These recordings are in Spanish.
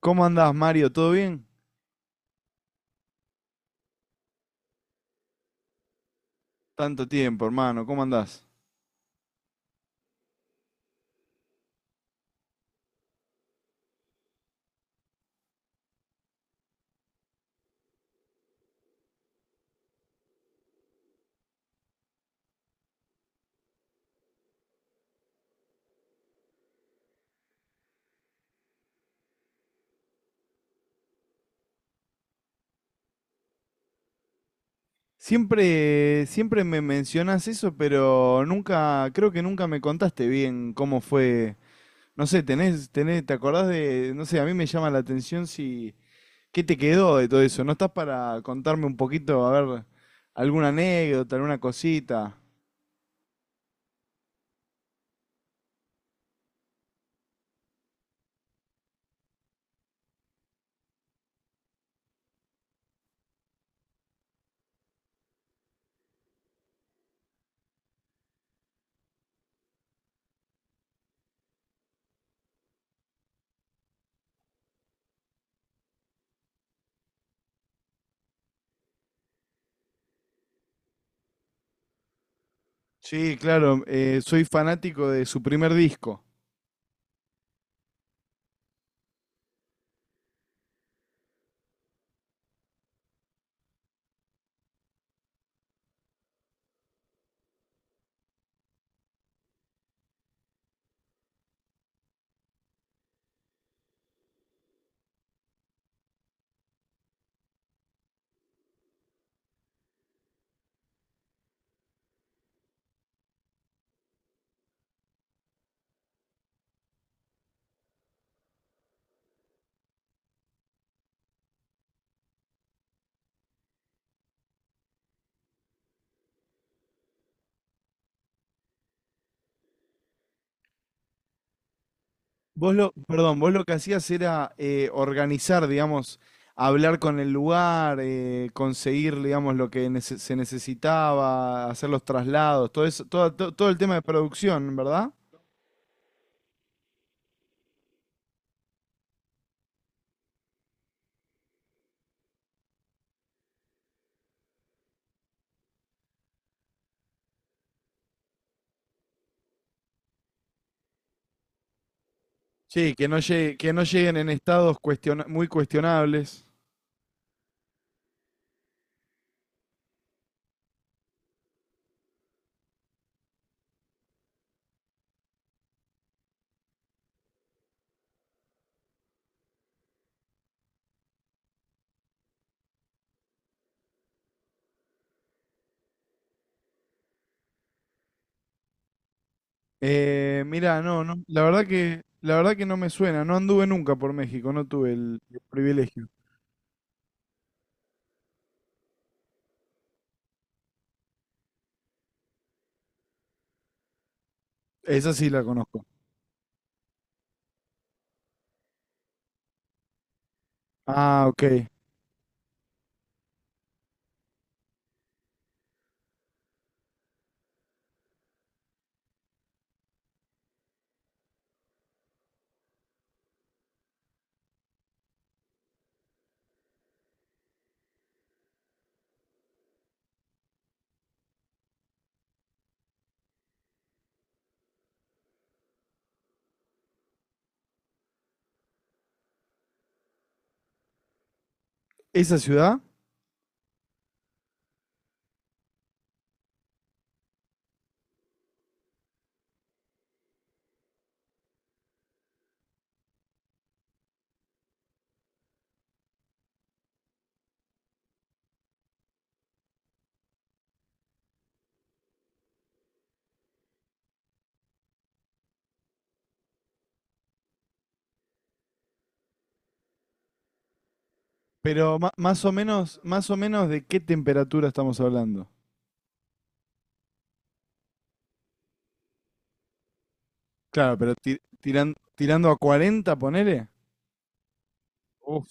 ¿Cómo andás, Mario? ¿Todo bien? Tanto tiempo, hermano. ¿Cómo andás? Siempre, siempre me mencionás eso, pero nunca, creo que nunca me contaste bien cómo fue. No sé, tenés, ¿te acordás de, no sé, a mí me llama la atención si, ¿qué te quedó de todo eso? ¿No estás para contarme un poquito, a ver, alguna anécdota, alguna cosita? Sí, claro, soy fanático de su primer disco. Perdón, vos lo que hacías era organizar, digamos, hablar con el lugar, conseguir, digamos, lo que se necesitaba, hacer los traslados, todo eso, todo el tema de producción, ¿verdad? Sí, que no lleguen en estados muy cuestionables. Mira, no, no, la verdad que no me suena, no anduve nunca por México, no tuve el privilegio. Esa sí la conozco. Ah, ok. ¿Esa ciudad? Pero más o menos de qué temperatura estamos hablando. Claro, pero tirando a 40, ponele. Uf,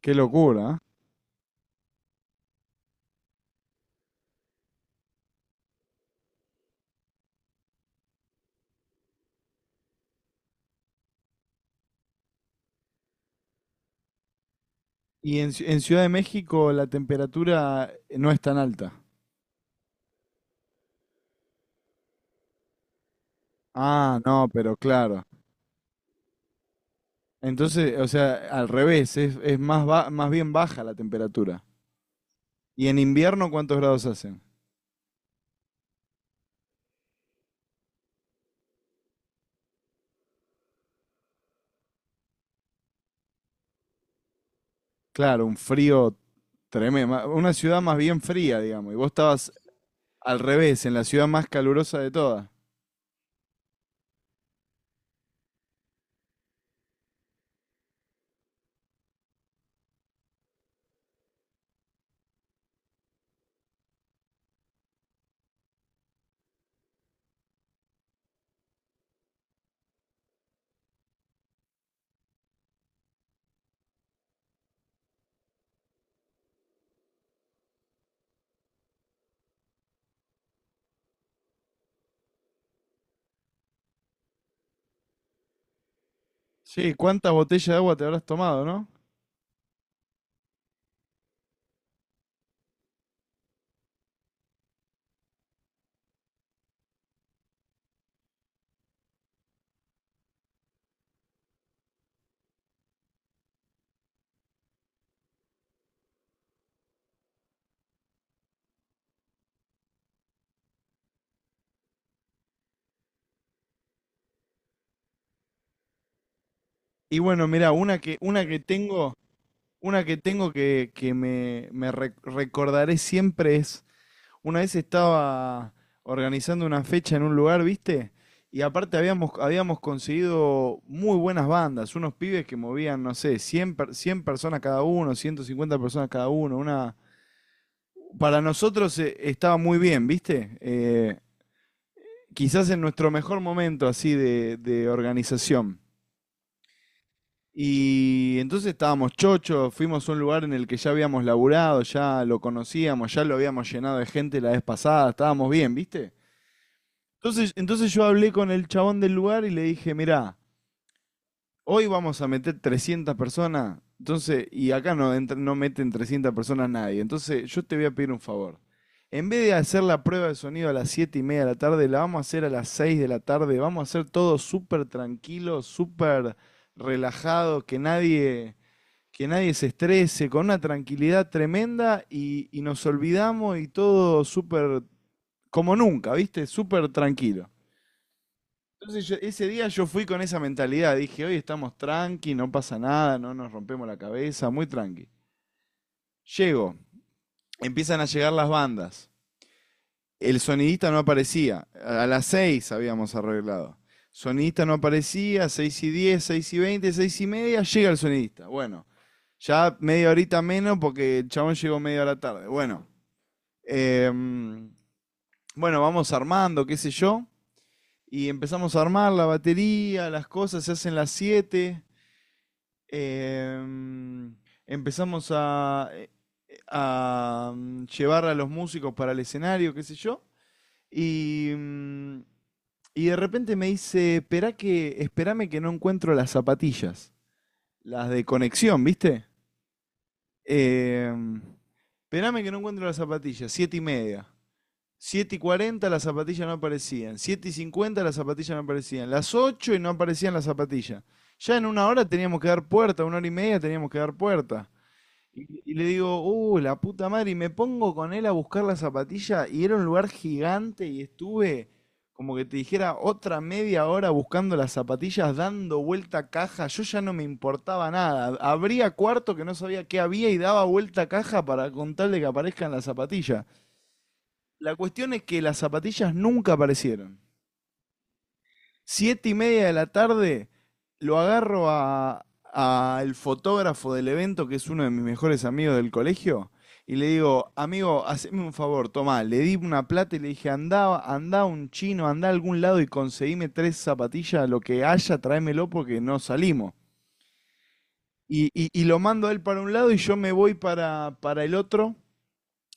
qué locura, ¿eh? Y en Ciudad de México la temperatura no es tan alta. Ah, no, pero claro. Entonces, o sea, al revés, es más bien baja la temperatura. ¿Y en invierno cuántos grados hacen? Claro, un frío tremendo. Una ciudad más bien fría, digamos. Y vos estabas al revés, en la ciudad más calurosa de todas. Sí, ¿cuántas botellas de agua te habrás tomado, no? Y bueno, mirá, una que me recordaré siempre es, una vez estaba organizando una fecha en un lugar, ¿viste? Y aparte habíamos conseguido muy buenas bandas, unos pibes que movían, no sé, 100 personas cada uno, 150 personas cada uno, una... Para nosotros, estaba muy bien, ¿viste? Quizás en nuestro mejor momento así de organización. Y entonces estábamos chochos, fuimos a un lugar en el que ya habíamos laburado, ya lo conocíamos, ya lo habíamos llenado de gente la vez pasada, estábamos bien, ¿viste? Entonces yo hablé con el chabón del lugar y le dije, mirá, hoy vamos a meter 300 personas. Entonces, y acá no, no meten 300 personas nadie, entonces yo te voy a pedir un favor. En vez de hacer la prueba de sonido a las 7:30 de la tarde, la vamos a hacer a las 6 de la tarde, vamos a hacer todo súper tranquilo, súper relajado, que nadie se estrese, con una tranquilidad tremenda y nos olvidamos y todo súper, como nunca, ¿viste? Súper tranquilo. Entonces ese día yo fui con esa mentalidad, dije, hoy estamos tranqui, no pasa nada, no nos rompemos la cabeza, muy tranqui. Llego, empiezan a llegar las bandas. El sonidista no aparecía. A las 6 habíamos arreglado. Sonidista no aparecía. 6:10, 6:20, 6:30, llega el sonidista. Bueno, ya media horita menos porque el chabón llegó media hora tarde. Bueno, em, bueno, vamos armando, qué sé yo. Y empezamos a armar la batería, las cosas, se hacen las 7. em, Empezamos a llevar a los músicos para el escenario, qué sé yo. Y, mm, Y de repente me dice, esperame que no encuentro las zapatillas, las de conexión, ¿viste? Em, Esperame que no encuentro las zapatillas, 7:30. 7:40 las zapatillas no aparecían, 7:50 las zapatillas no aparecían, las 8 y no aparecían las zapatillas. Ya en una hora teníamos que dar puerta, una hora y media teníamos que dar puerta. Y le digo, la puta madre, y me pongo con él a buscar la zapatilla y era un lugar gigante y estuve, como que te dijera, otra media hora buscando las zapatillas, dando vuelta a caja, yo ya no me importaba nada, abría cuarto que no sabía qué había y daba vuelta a caja para contarle que aparezcan las zapatillas. La cuestión es que las zapatillas nunca aparecieron. 7:30 de la tarde lo agarro a el fotógrafo del evento, que es uno de mis mejores amigos del colegio, y le digo, amigo, haceme un favor, tomá, le di una plata y le dije, andá, andá un chino, andá a algún lado y conseguime tres zapatillas, lo que haya, tráemelo porque no salimos. Y lo mando a él para un lado y yo me voy para el otro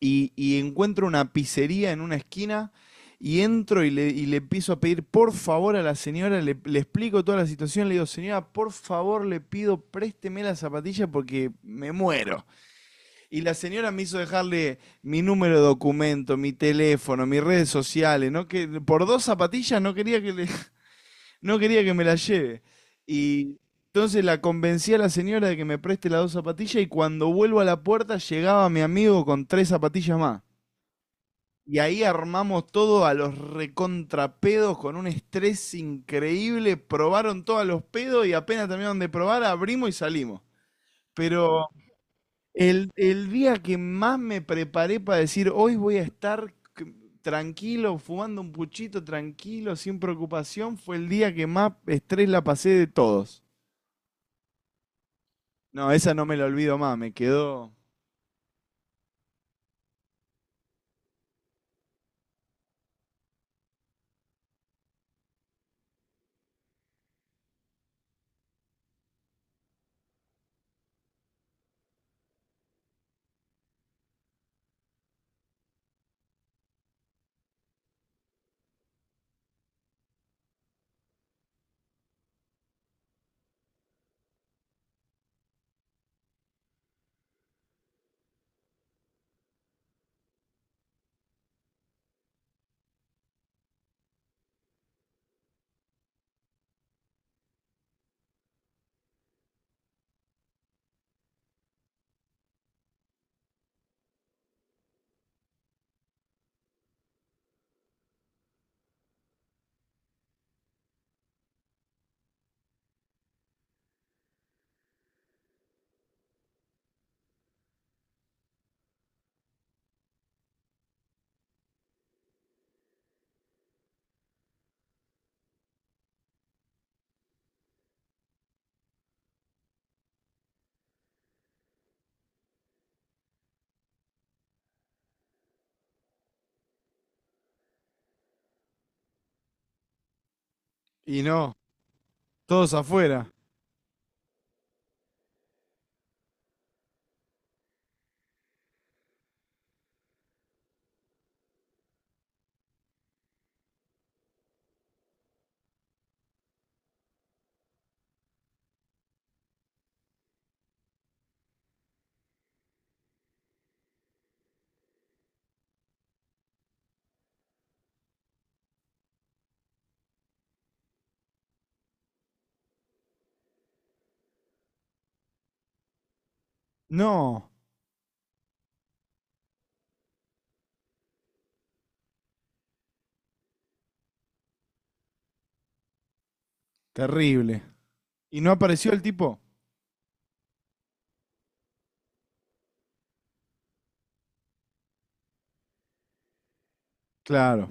y encuentro una pizzería en una esquina y entro y le empiezo a pedir por favor a la señora, le explico toda la situación, le digo, señora, por favor le pido, présteme la zapatilla porque me muero. Y la señora me hizo dejarle mi número de documento, mi teléfono, mis redes sociales, ¿no? Que por dos zapatillas no quería que, le- no quería que me la lleve. Y entonces la convencí a la señora de que me preste las dos zapatillas y cuando vuelvo a la puerta llegaba mi amigo con tres zapatillas más. Y ahí armamos todo a los recontrapedos con un estrés increíble. Probaron todos los pedos y apenas terminaron de probar, abrimos y salimos. Pero el día que más me preparé para decir, hoy voy a estar tranquilo, fumando un puchito tranquilo, sin preocupación, fue el día que más estrés la pasé de todos. No, esa no me la olvido más, me quedó. Y no, todos afuera. No, terrible. ¿Y no apareció el tipo? Claro.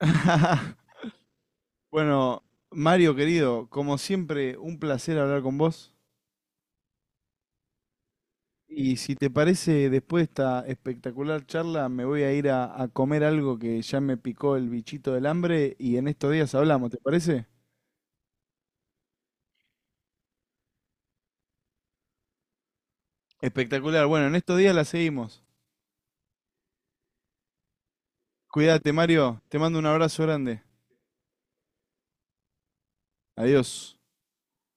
Bueno, Mario querido, como siempre, un placer hablar con vos. Y si te parece, después de esta espectacular charla, me voy a ir a comer algo que ya me picó el bichito del hambre y en estos días hablamos, ¿te parece? Espectacular. Bueno, en estos días la seguimos. Cuídate, Mario. Te mando un abrazo grande. Adiós.